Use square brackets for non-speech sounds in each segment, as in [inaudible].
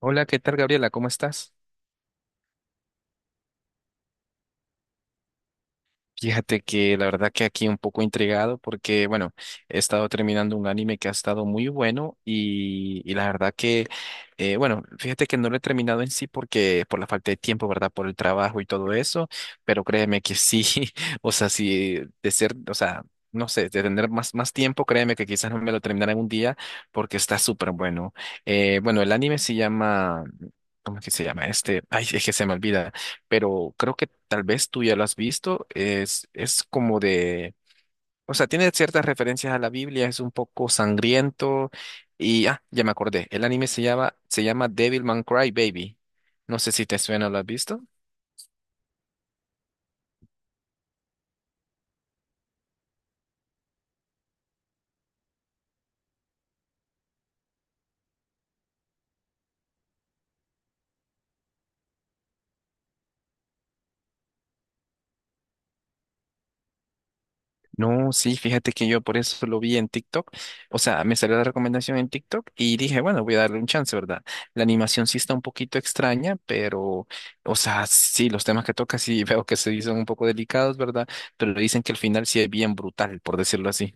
Hola, ¿qué tal, Gabriela? ¿Cómo estás? Fíjate que la verdad que aquí un poco intrigado porque, bueno, he estado terminando un anime que ha estado muy bueno y la verdad que, bueno, fíjate que no lo he terminado en sí porque por la falta de tiempo, ¿verdad? Por el trabajo y todo eso, pero créeme que sí, [laughs] o sea, sí, de ser, o sea, no sé, de tener más tiempo, créeme que quizás no me lo terminaré en un día porque está súper bueno. Bueno, el anime se llama... ¿Cómo es que se llama este? Ay, es que se me olvida. Pero creo que tal vez tú ya lo has visto. Es como de, o sea, tiene ciertas referencias a la Biblia, es un poco sangriento. Y ah, ya me acordé. El anime se llama Devilman Crybaby. No sé si te suena, ¿lo has visto? No, sí, fíjate que yo por eso lo vi en TikTok. O sea, me salió la recomendación en TikTok y dije, bueno, voy a darle un chance, ¿verdad? La animación sí está un poquito extraña, pero, o sea, sí, los temas que toca sí [laughs] veo que se dicen un poco delicados, ¿verdad? Pero dicen que el final sí es bien brutal, por decirlo así.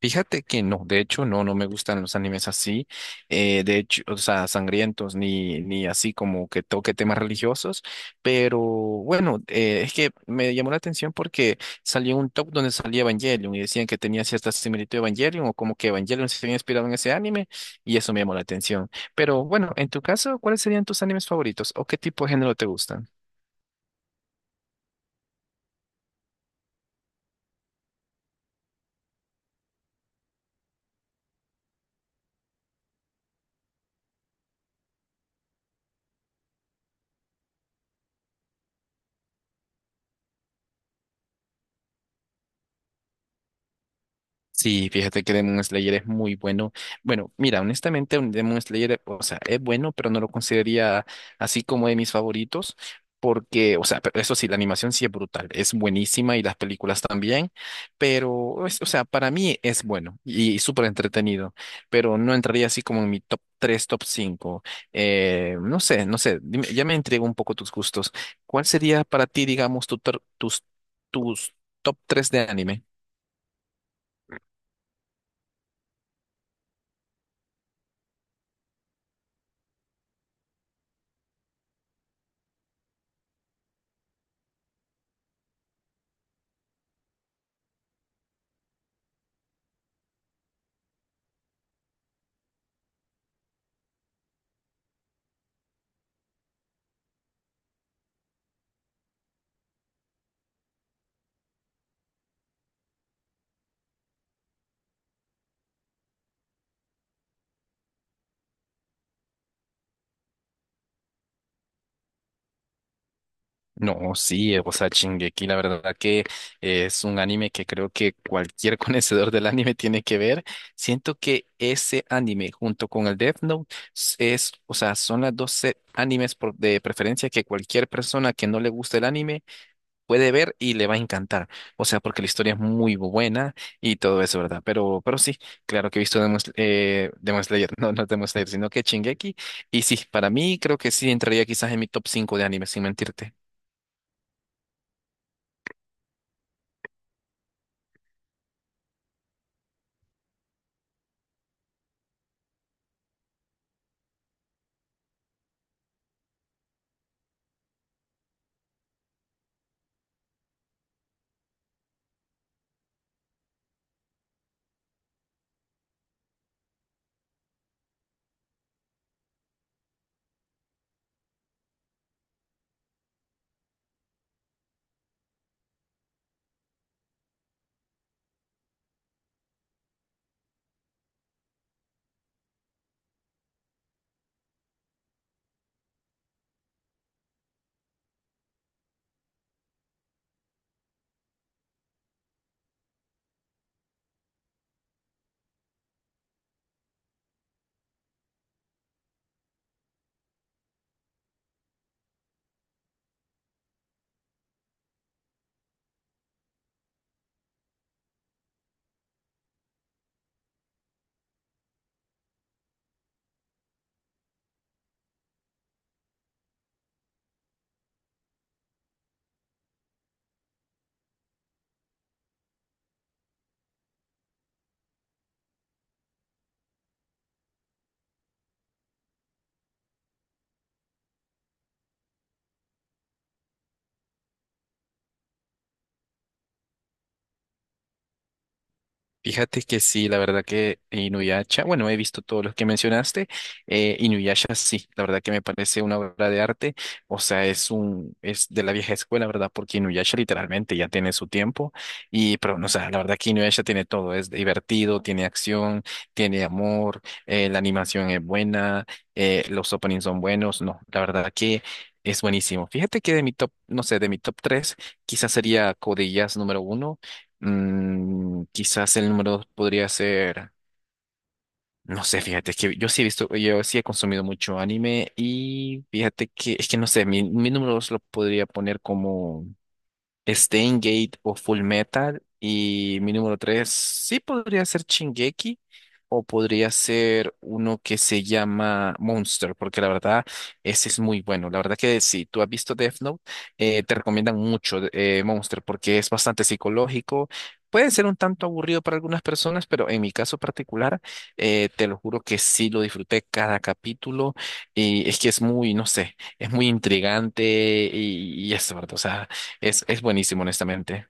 Fíjate que no, de hecho no, no me gustan los animes así, de hecho, o sea, sangrientos ni así como que toque temas religiosos, pero bueno, es que me llamó la atención porque salió un top donde salía Evangelion y decían que tenía cierta similitud a Evangelion o como que Evangelion se había inspirado en ese anime y eso me llamó la atención. Pero bueno, en tu caso, ¿cuáles serían tus animes favoritos o qué tipo de género te gustan? Sí, fíjate que Demon Slayer es muy bueno. Bueno, mira, honestamente, un Demon Slayer, o sea, es bueno, pero no lo consideraría así como de mis favoritos, porque, o sea, pero eso sí, la animación sí es brutal, es buenísima y las películas también, pero, es- o sea, para mí es bueno y, súper entretenido, pero no entraría así como en mi top 3, top 5. No sé, no sé, dime- ya me intrigó un poco tus gustos. ¿Cuál sería para ti, digamos, tus top 3 de anime? No, sí, o sea, Shingeki, la verdad que es un anime que creo que cualquier [laughs] conocedor del anime tiene que ver. Siento que ese anime junto con el Death Note es, o sea, son las animes de preferencia que cualquier persona que no le guste el anime puede ver y le va a encantar. O sea, porque la historia es muy buena y todo eso, ¿verdad? Pero sí, claro que he visto Demon Slayer, [laughs] no, no Demon Slayer, sino que Shingeki. Y sí, para mí creo que sí entraría quizás en mi top 5 de animes, sin mentirte. Fíjate que sí, la verdad que Inuyasha, bueno, he visto todos los que mencionaste, Inuyasha sí, la verdad que me parece una obra de arte, o sea, es de la vieja escuela, ¿verdad? Porque Inuyasha literalmente ya tiene su tiempo, y, pero, no, o sea, la verdad que Inuyasha tiene todo, es divertido, tiene acción, tiene amor, la animación es buena, los openings son buenos, no, la verdad que es buenísimo. Fíjate que de mi top, no sé, de mi top tres, quizás sería Code Codillas número uno. Mm, quizás el número dos podría ser, no sé, fíjate, es que yo sí he visto, yo sí he consumido mucho anime y fíjate que, es que no sé, mi número dos lo podría poner como Stain Gate o Full Metal. Y mi número tres, sí podría ser Shingeki o podría ser uno que se llama Monster, porque la verdad, ese es muy bueno. La verdad que si tú has visto Death Note, te recomiendan mucho Monster porque es bastante psicológico. Puede ser un tanto aburrido para algunas personas, pero en mi caso particular, te lo juro que sí lo disfruté cada capítulo y es que es muy, no sé, es muy intrigante y eso, ¿verdad? O sea, es buenísimo, honestamente.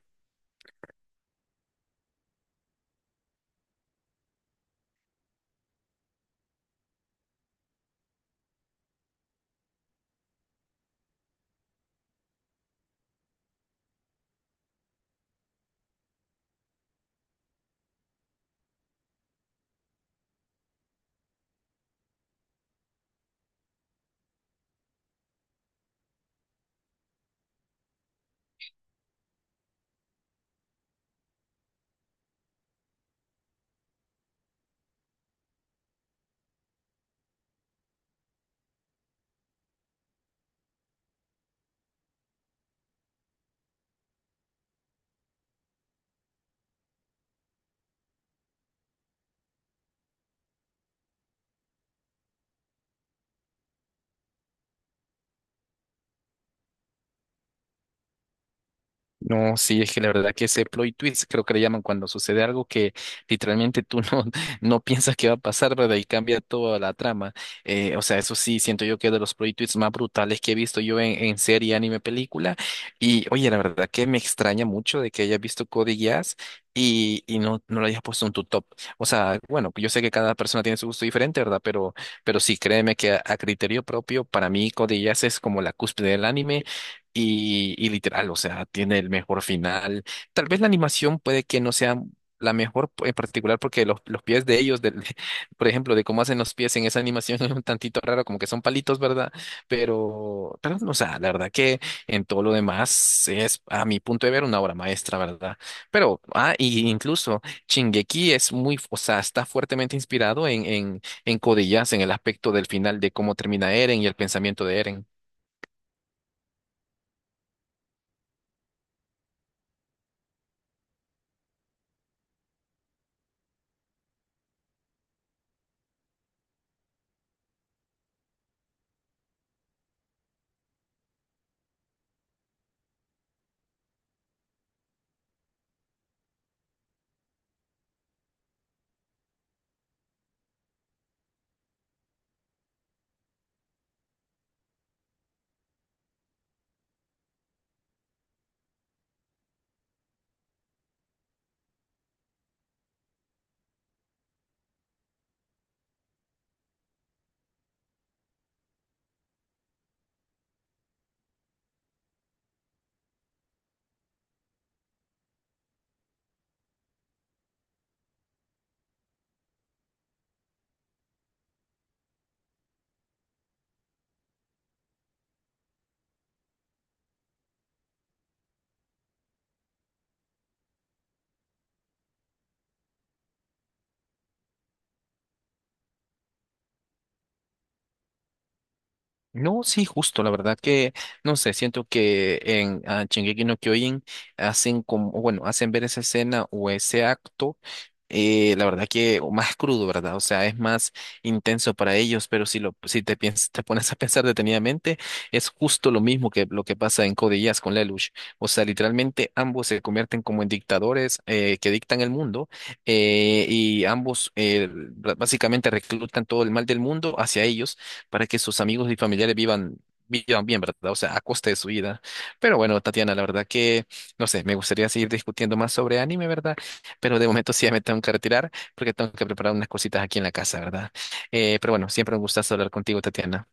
No, sí, es que la verdad que ese plot twist creo que le llaman cuando sucede algo que literalmente tú no, [laughs] no piensas que va a pasar, ¿verdad? Y cambia toda la trama. O sea, eso sí, siento yo que es de los plot twists más brutales que he visto yo en serie, anime, película. Y oye, la verdad que me extraña mucho de que hayas visto Code Geass y no, no lo hayas puesto en tu top. O sea, bueno, yo sé que cada persona tiene su gusto diferente, ¿verdad? Pero sí, créeme que a criterio propio, para mí Code Geass es como la cúspide del anime. Y literal, o sea, tiene el mejor final. Tal vez la animación puede que no sea la mejor en particular porque los pies de ellos, del, [laughs] por ejemplo, de cómo hacen los pies en esa animación [laughs] es un tantito raro, como que son palitos, ¿verdad? Pero, o sea, la verdad que en todo lo demás es, a mi punto de ver, una obra maestra, ¿verdad? Pero, ah, y incluso Shingeki es muy, o sea, está fuertemente inspirado en Code Geass, en el aspecto del final, de cómo termina Eren y el pensamiento de Eren. No, sí, justo, la verdad que, no sé, siento que en ah, Shingeki no Kyojin hacen como, bueno, hacen ver esa escena o ese acto la verdad que o más crudo, ¿verdad? O sea, es más intenso para ellos, pero si te te pones a pensar detenidamente, es justo lo mismo que lo que pasa en Code Geass con Lelouch. O sea, literalmente ambos se convierten como en dictadores que dictan el mundo y ambos básicamente reclutan todo el mal del mundo hacia ellos para que sus amigos y familiares vivan bien, ¿verdad? O sea, a costa de su vida. Pero bueno, Tatiana, la verdad que, no sé, me gustaría seguir discutiendo más sobre anime, ¿verdad? Pero de momento sí ya me tengo que retirar porque tengo que preparar unas cositas aquí en la casa, ¿verdad? Pero bueno, siempre un gustazo hablar contigo, Tatiana.